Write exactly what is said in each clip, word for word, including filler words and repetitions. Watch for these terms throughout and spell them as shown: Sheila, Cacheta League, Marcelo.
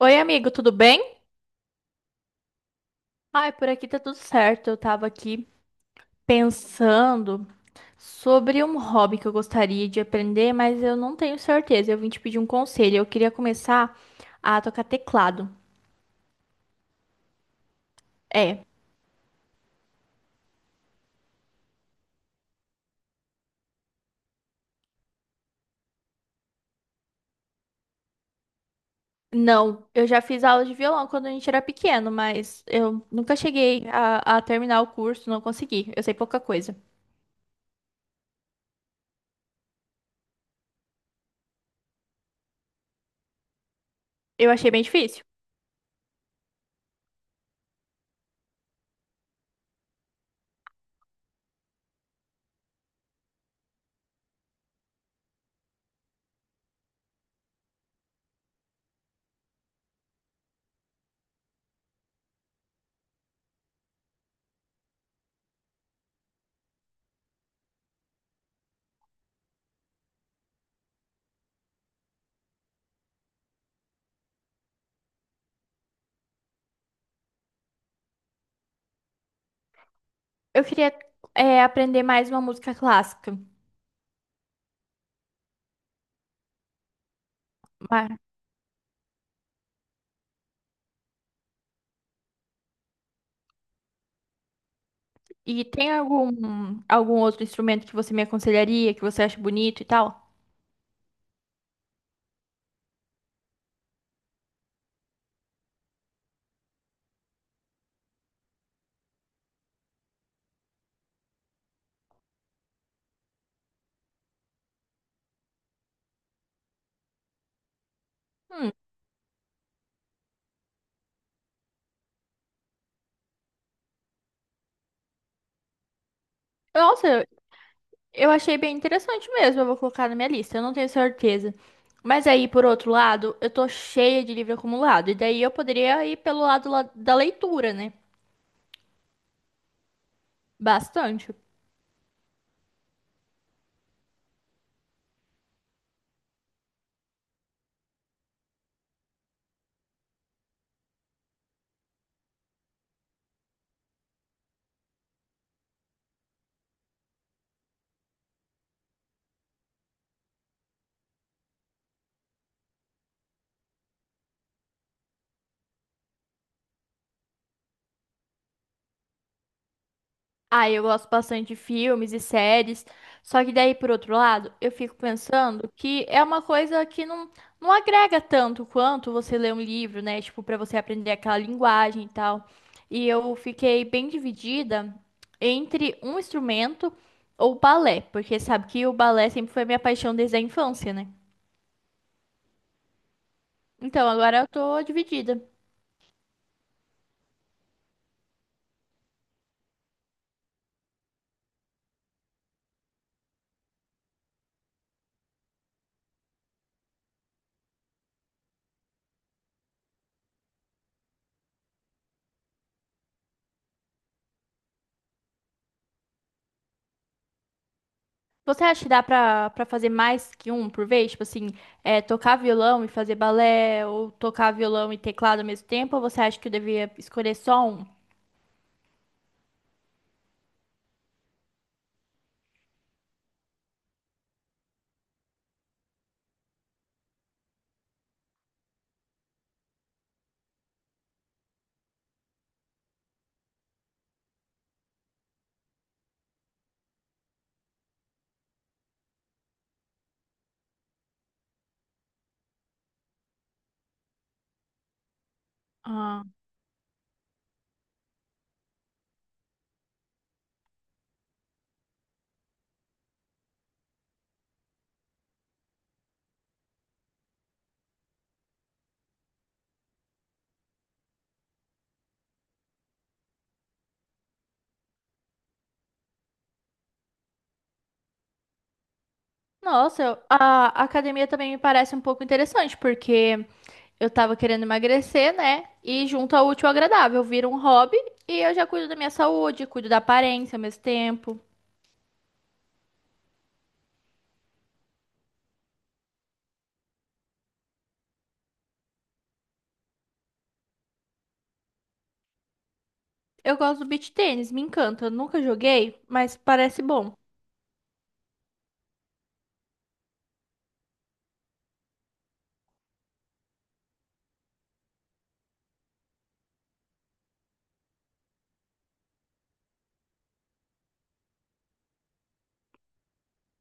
Oi, amigo, tudo bem? Ai, por aqui tá tudo certo. Eu tava aqui pensando sobre um hobby que eu gostaria de aprender, mas eu não tenho certeza. Eu vim te pedir um conselho. Eu queria começar a tocar teclado. É, não, eu já fiz aula de violão quando a gente era pequeno, mas eu nunca cheguei a, a terminar o curso, não consegui. Eu sei pouca coisa. Eu achei bem difícil. Eu queria, é, aprender mais uma música clássica. E tem algum, algum outro instrumento que você me aconselharia, que você acha bonito e tal? Hum, nossa, eu achei bem interessante mesmo. Eu vou colocar na minha lista, eu não tenho certeza. Mas aí, por outro lado, eu tô cheia de livro acumulado. E daí eu poderia ir pelo lado la- da leitura, né? Bastante. Ah, eu gosto bastante de filmes e séries. Só que daí, por outro lado, eu fico pensando que é uma coisa que não, não agrega tanto quanto você ler um livro, né? Tipo, pra você aprender aquela linguagem e tal. E eu fiquei bem dividida entre um instrumento ou balé, porque sabe que o balé sempre foi minha paixão desde a infância, né? Então, agora eu tô dividida. Você acha que dá pra, pra fazer mais que um por vez? Tipo assim, é, tocar violão e fazer balé, ou tocar violão e teclado ao mesmo tempo? Ou você acha que eu devia escolher só um? Ah, nossa, eu- a a academia também me parece um pouco interessante, porque eu tava querendo emagrecer, né? E junto ao útil ao agradável, vira um hobby e eu já cuido da minha saúde, cuido da aparência ao mesmo tempo. Eu gosto do beach tênis, me encanta. Eu nunca joguei, mas parece bom.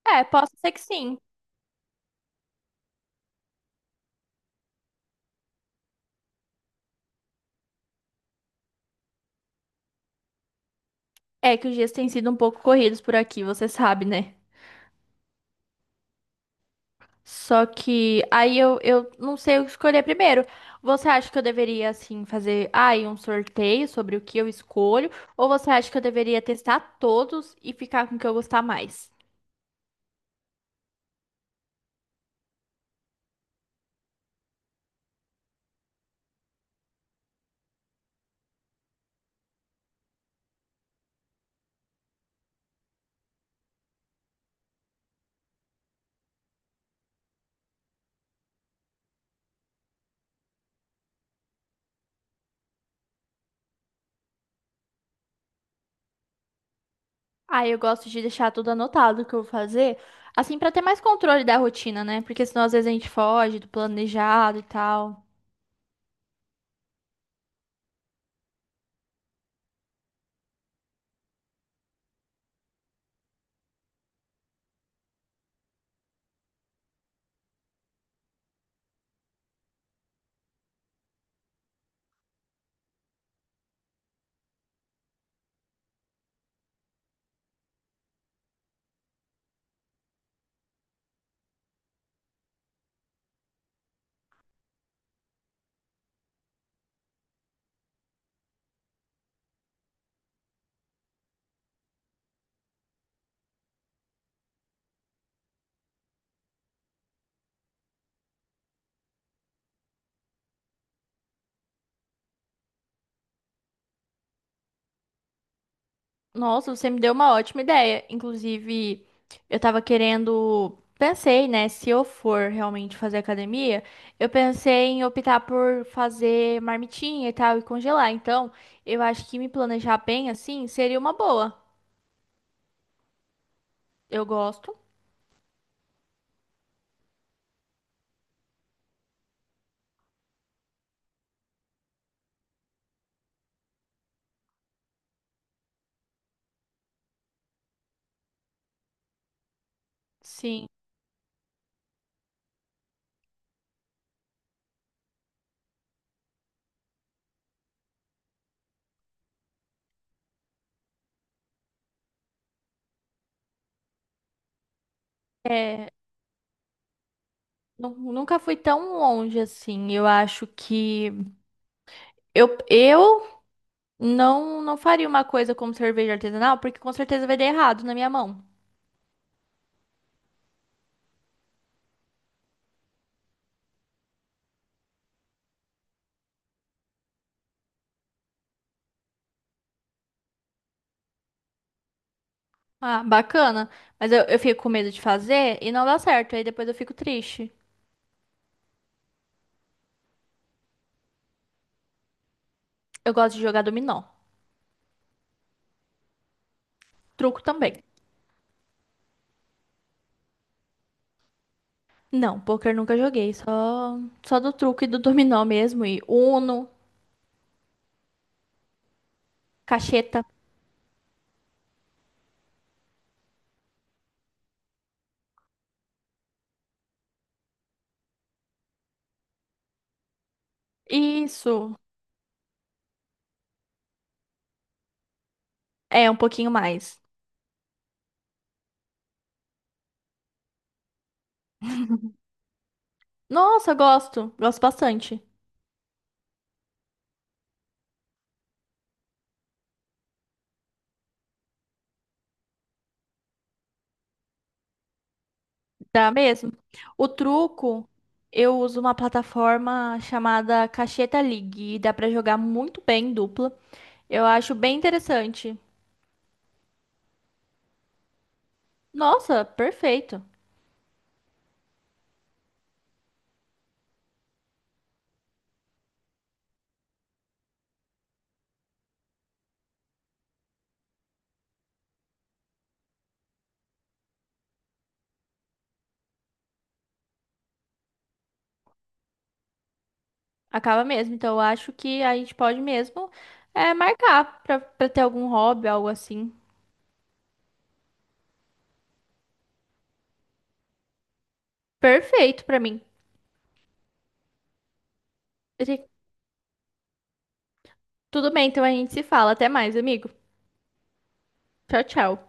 É, posso ser que sim. É que os dias têm sido um pouco corridos por aqui, você sabe, né? Só que aí eu, eu não sei o que escolher primeiro. Você acha que eu deveria, assim, fazer aí um sorteio sobre o que eu escolho? Ou você acha que eu deveria testar todos e ficar com o que eu gostar mais? Aí eu gosto de deixar tudo anotado o que eu vou fazer, assim, pra ter mais controle da rotina, né? Porque senão às vezes a gente foge do planejado e tal. Nossa, você me deu uma ótima ideia. Inclusive, eu tava querendo. Pensei, né? Se eu for realmente fazer academia, eu pensei em optar por fazer marmitinha e tal e congelar. Então, eu acho que me planejar bem assim seria uma boa. Eu gosto, sim. É, nu- nunca fui tão longe assim. Eu acho que eu, eu não, não faria uma coisa como cerveja artesanal, porque com certeza vai dar errado na minha mão. Ah, bacana. Mas eu, eu fico com medo de fazer e não dá certo. Aí depois eu fico triste. Eu gosto de jogar dominó. Truco também. Não, poker nunca joguei. Só, só do truco e do dominó mesmo. E Uno, cacheta. Isso. É, um pouquinho mais. Nossa, gosto. Gosto bastante. Dá mesmo. O truco, eu uso uma plataforma chamada Cacheta League. E dá pra jogar muito bem em dupla. Eu acho bem interessante. Nossa, perfeito. Acaba mesmo. Então eu acho que a gente pode mesmo é, marcar pra, pra ter algum hobby, algo assim. Perfeito pra mim. Eu te- Tudo bem, então a gente se fala. Até mais, amigo. Tchau, tchau.